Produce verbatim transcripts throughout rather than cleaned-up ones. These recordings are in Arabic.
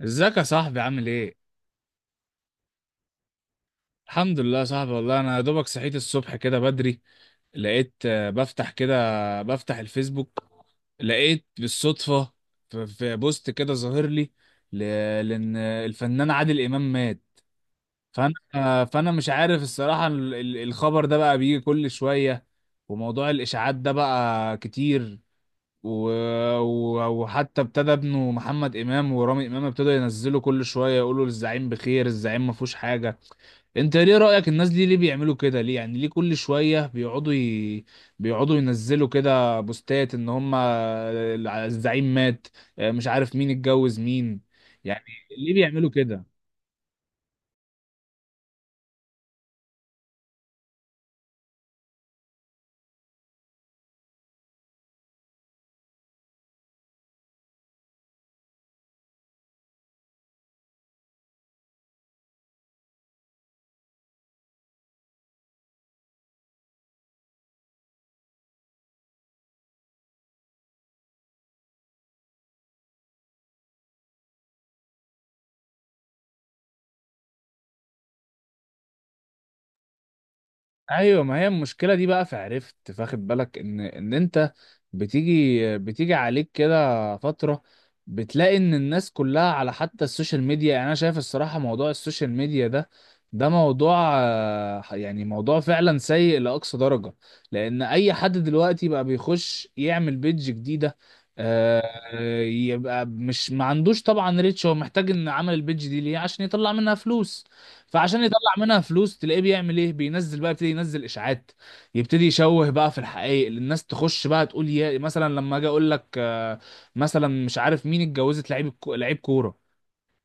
ازيك يا صاحبي، عامل ايه؟ الحمد لله يا صاحبي، والله انا يا دوبك صحيت الصبح كده بدري، لقيت آه، بفتح كده، بفتح الفيسبوك، لقيت بالصدفة في في بوست كده ظاهر لي، ل- لان الفنان عادل امام مات. فانا آه، فانا مش عارف الصراحة، ال- ال- الخبر ده بقى بيجي كل شوية، وموضوع الاشاعات ده بقى كتير، و... و- وحتى ابتدى ابنه محمد امام ورامي امام ابتدوا ينزلوا كل شوية يقولوا الزعيم بخير، الزعيم ما فيهوش حاجة. انت ليه رأيك الناس دي ليه بيعملوا كده؟ ليه يعني؟ ليه كل شوية بيقعدوا ي... بيقعدوا ينزلوا كده بوستات ان هم الزعيم مات؟ مش عارف مين اتجوز مين. يعني ليه بيعملوا كده؟ ايوه، ما هي المشكله دي بقى، فعرفت، فاخد بالك ان ان انت بتيجي بتيجي عليك كده فتره، بتلاقي ان الناس كلها على حتى السوشيال ميديا. يعني انا شايف الصراحه موضوع السوشيال ميديا ده، ده موضوع آه، يعني موضوع فعلا سيء لاقصى درجه، لان اي حد دلوقتي بقى بيخش يعمل بيدج جديده، آه، يبقى مش ما عندوش طبعا ريتش، هو محتاج ان عمل البيدج دي ليه؟ عشان يطلع منها فلوس. فعشان يطلع منها فلوس، تلاقيه بيعمل ايه، بينزل بقى، يبتدي ينزل اشاعات، يبتدي يشوه بقى في الحقائق، الناس تخش بقى تقول، يا مثلا لما اجي اقول لك آه، مثلا مش عارف مين اتجوزت لعيب الكو- لعيب كوره.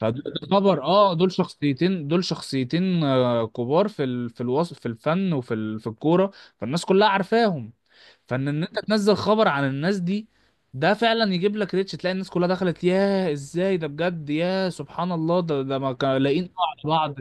فده خبر، اه، دول شخصيتين، دول شخصيتين آه، كبار في ال... في الوصف، في الفن، وفي ال... في الكوره، فالناس كلها عارفاهم. فان ان انت تنزل خبر عن الناس دي، ده فعلا يجيب لك ريتش، تلاقي الناس كلها دخلت، ياه ازاي ده بجد، ياه سبحان الله، ده ده ما كانوا لاقيين بعض.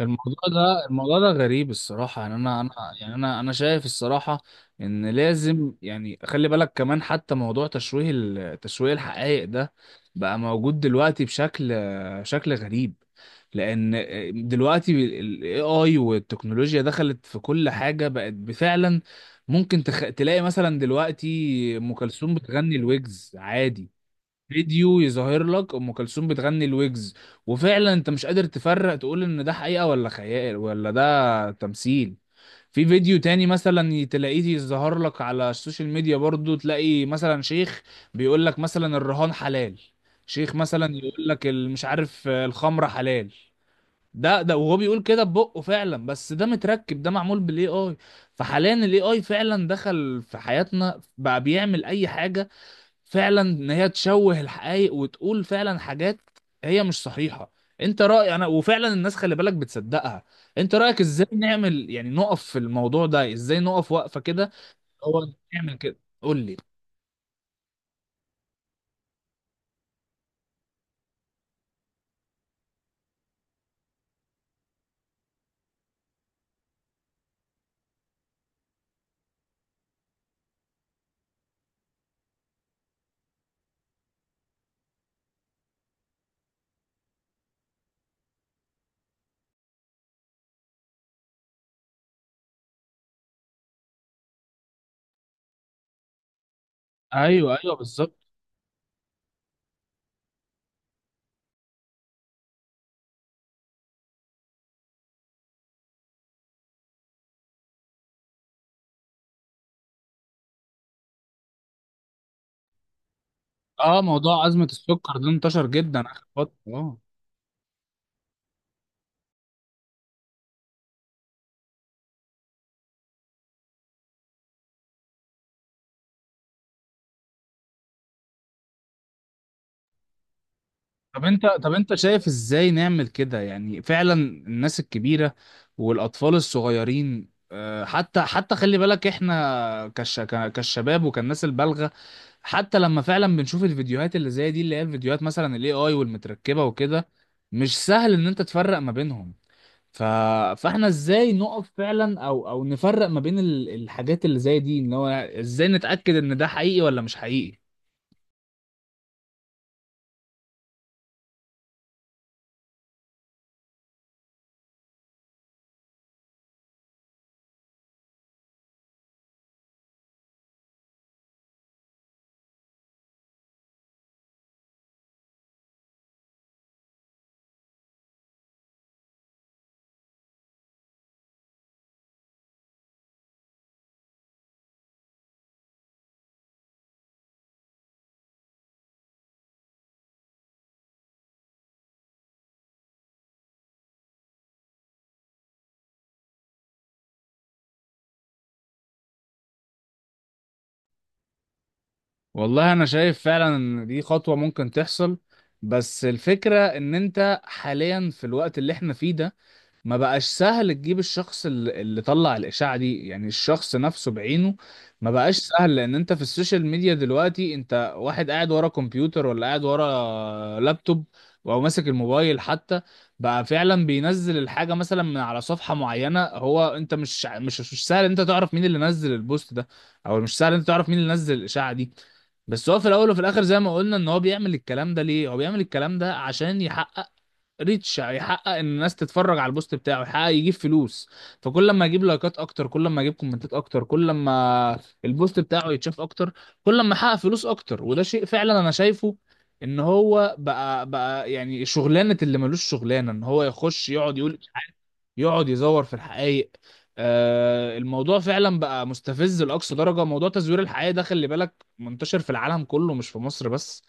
الموضوع ده، الموضوع ده غريب الصراحة. يعني أنا أنا يعني أنا أنا شايف الصراحة إن لازم، يعني خلي بالك كمان، حتى موضوع تشويه ال- تشويه الحقائق ده بقى موجود دلوقتي بشكل شكل غريب، لأن دلوقتي ال A I والتكنولوجيا دخلت في كل حاجة، بقت بفعلا ممكن تخ... تلاقي مثلا دلوقتي أم كلثوم بتغني الويجز عادي، فيديو يظهر لك ام كلثوم بتغني الويجز، وفعلا انت مش قادر تفرق، تقول ان ده حقيقه، ولا خيال، ولا ده تمثيل. في فيديو تاني مثلا تلاقيه يظهر لك على السوشيال ميديا برضو، تلاقي مثلا شيخ بيقول لك مثلا الرهان حلال، شيخ مثلا يقول لك ال- مش عارف، آه، الخمره حلال. ده ده وهو بيقول كده ببقه فعلا، بس ده متركب، ده معمول بالاي اي. فحاليا الاي اي فعلا دخل في حياتنا، بقى بيعمل اي حاجه، فعلا ان هي تشوه الحقائق وتقول فعلا حاجات هي مش صحيحة. انت رأي، انا وفعلا الناس خلي بالك بتصدقها. انت رأيك ازاي نعمل؟ يعني نقف في الموضوع ده ازاي؟ نقف وقفة كده، هو نعمل كده؟ قول لي. ايوه ايوه، بالظبط. اه، موضوع أزمة السكر ده انتشر جدا اخر فترة، اه. طب انت طب انت شايف ازاي نعمل كده؟ يعني فعلا الناس الكبيرة والاطفال الصغيرين، آه، حتى حتى خلي بالك احنا كش ك- كالشباب وكالناس البالغة، حتى لما فعلا بنشوف الفيديوهات اللي زي دي، اللي هي الفيديوهات مثلا الاي اي والمتركبة وكده، مش سهل ان انت تفرق ما بينهم. ف... فاحنا ازاي نقف فعلا، او او نفرق ما بين ال- الحاجات اللي زي دي؟ ان هو ازاي نتأكد ان ده حقيقي ولا مش حقيقي؟ والله انا شايف فعلا ان دي خطوة ممكن تحصل، بس الفكرة ان انت حاليا في الوقت اللي احنا فيه ده، ما بقاش سهل تجيب الشخص اللي اللي طلع الاشاعة دي، يعني الشخص نفسه بعينه. ما بقاش سهل، لان انت في السوشيال ميديا دلوقتي، انت واحد قاعد ورا كمبيوتر، ولا قاعد ورا لابتوب، او ماسك الموبايل حتى، بقى فعلا بينزل الحاجة مثلا من على صفحة معينة، هو انت مش مش مش سهل انت تعرف مين اللي نزل البوست ده، او مش سهل انت تعرف مين اللي نزل الاشاعة دي. بس هو في الاول وفي الاخر زي ما قلنا، ان هو بيعمل الكلام ده ليه؟ هو بيعمل الكلام ده عشان يحقق ريتش، يحقق ان الناس تتفرج على البوست بتاعه، يحقق يجيب فلوس. فكل ما يجيب لايكات اكتر، كل ما يجيب كومنتات اكتر، كل ما البوست بتاعه يتشاف اكتر، كل ما يحقق فلوس اكتر، وده شيء فعلا انا شايفه ان هو بقى بقى يعني شغلانه، اللي ملوش شغلانه ان هو يخش يقعد يقول يقعد يزور في الحقائق. آه، الموضوع فعلا بقى مستفز لأقصى درجة، موضوع تزوير الحقائق ده خلي بالك منتشر في العالم كله، مش في مصر بس.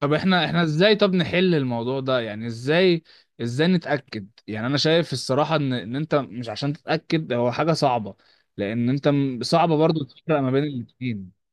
طب احنا، احنا ازاي طب نحل الموضوع ده؟ يعني ازاي ازاي نتأكد؟ يعني انا شايف الصراحة ان ان انت مش عشان تتأكد هو حاجة صعبة، لان انت م- صعبة برضو تفرق ما بين الاتنين.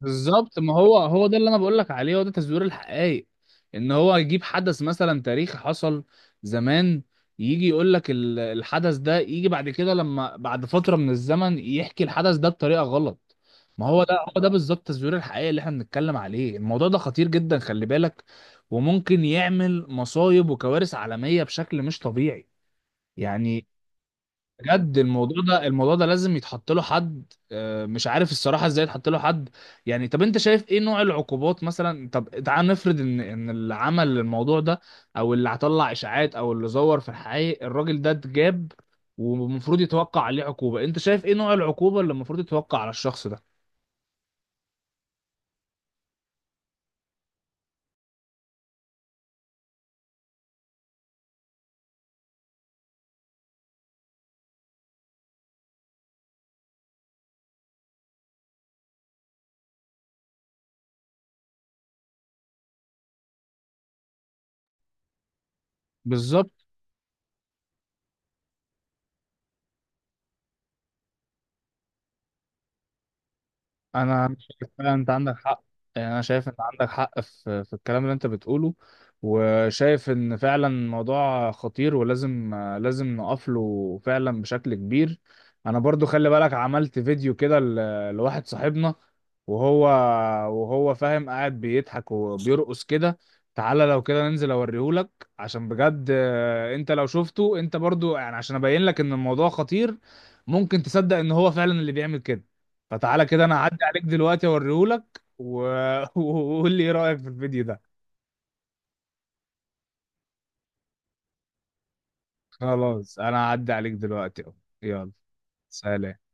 بالظبط، ما هو، هو ده اللي انا بقول لك عليه، هو ده تزوير الحقائق، ان هو يجيب حدث مثلا تاريخي حصل زمان، يجي يقول لك ال- الحدث ده، يجي بعد كده لما بعد فترة من الزمن يحكي الحدث ده بطريقة غلط. ما هو ده، هو ده بالظبط تزوير الحقائق اللي احنا بنتكلم عليه. الموضوع ده خطير جدا خلي بالك، وممكن يعمل مصايب وكوارث عالمية بشكل مش طبيعي، يعني بجد. الموضوع ده، الموضوع ده لازم يتحط له حد، آه، مش عارف الصراحه ازاي يتحط له حد. يعني طب انت شايف ايه نوع العقوبات مثلا؟ طب تعال نفرض ان ان اللي عمل الموضوع ده، او اللي هطلع اشاعات، او اللي زور في الحقيقة، الراجل ده اتجاب ومفروض يتوقع عليه عقوبه، انت شايف ايه نوع العقوبه اللي المفروض يتوقع على الشخص ده؟ بالظبط، انا مش شايف، فعلا انت عندك حق. يعني انا شايف ان عندك حق في في الكلام اللي انت بتقوله، وشايف ان فعلا الموضوع خطير، ولازم لازم نقف له فعلا بشكل كبير. انا برضو خلي بالك عملت فيديو كده ل- لواحد صاحبنا، وهو وهو فاهم قاعد بيضحك وبيرقص كده، تعالى لو كده ننزل اوريهولك، عشان بجد، آه، انت لو شفته انت برضو، يعني عشان ابين لك ان الموضوع خطير، ممكن تصدق ان هو فعلا اللي بيعمل كده. فتعالى كده، انا هعدي عليك دلوقتي اوريهولك، و... وقول لي ايه رأيك في الفيديو ده. خلاص، انا هعدي عليك دلوقتي اهو، يلا، سلام.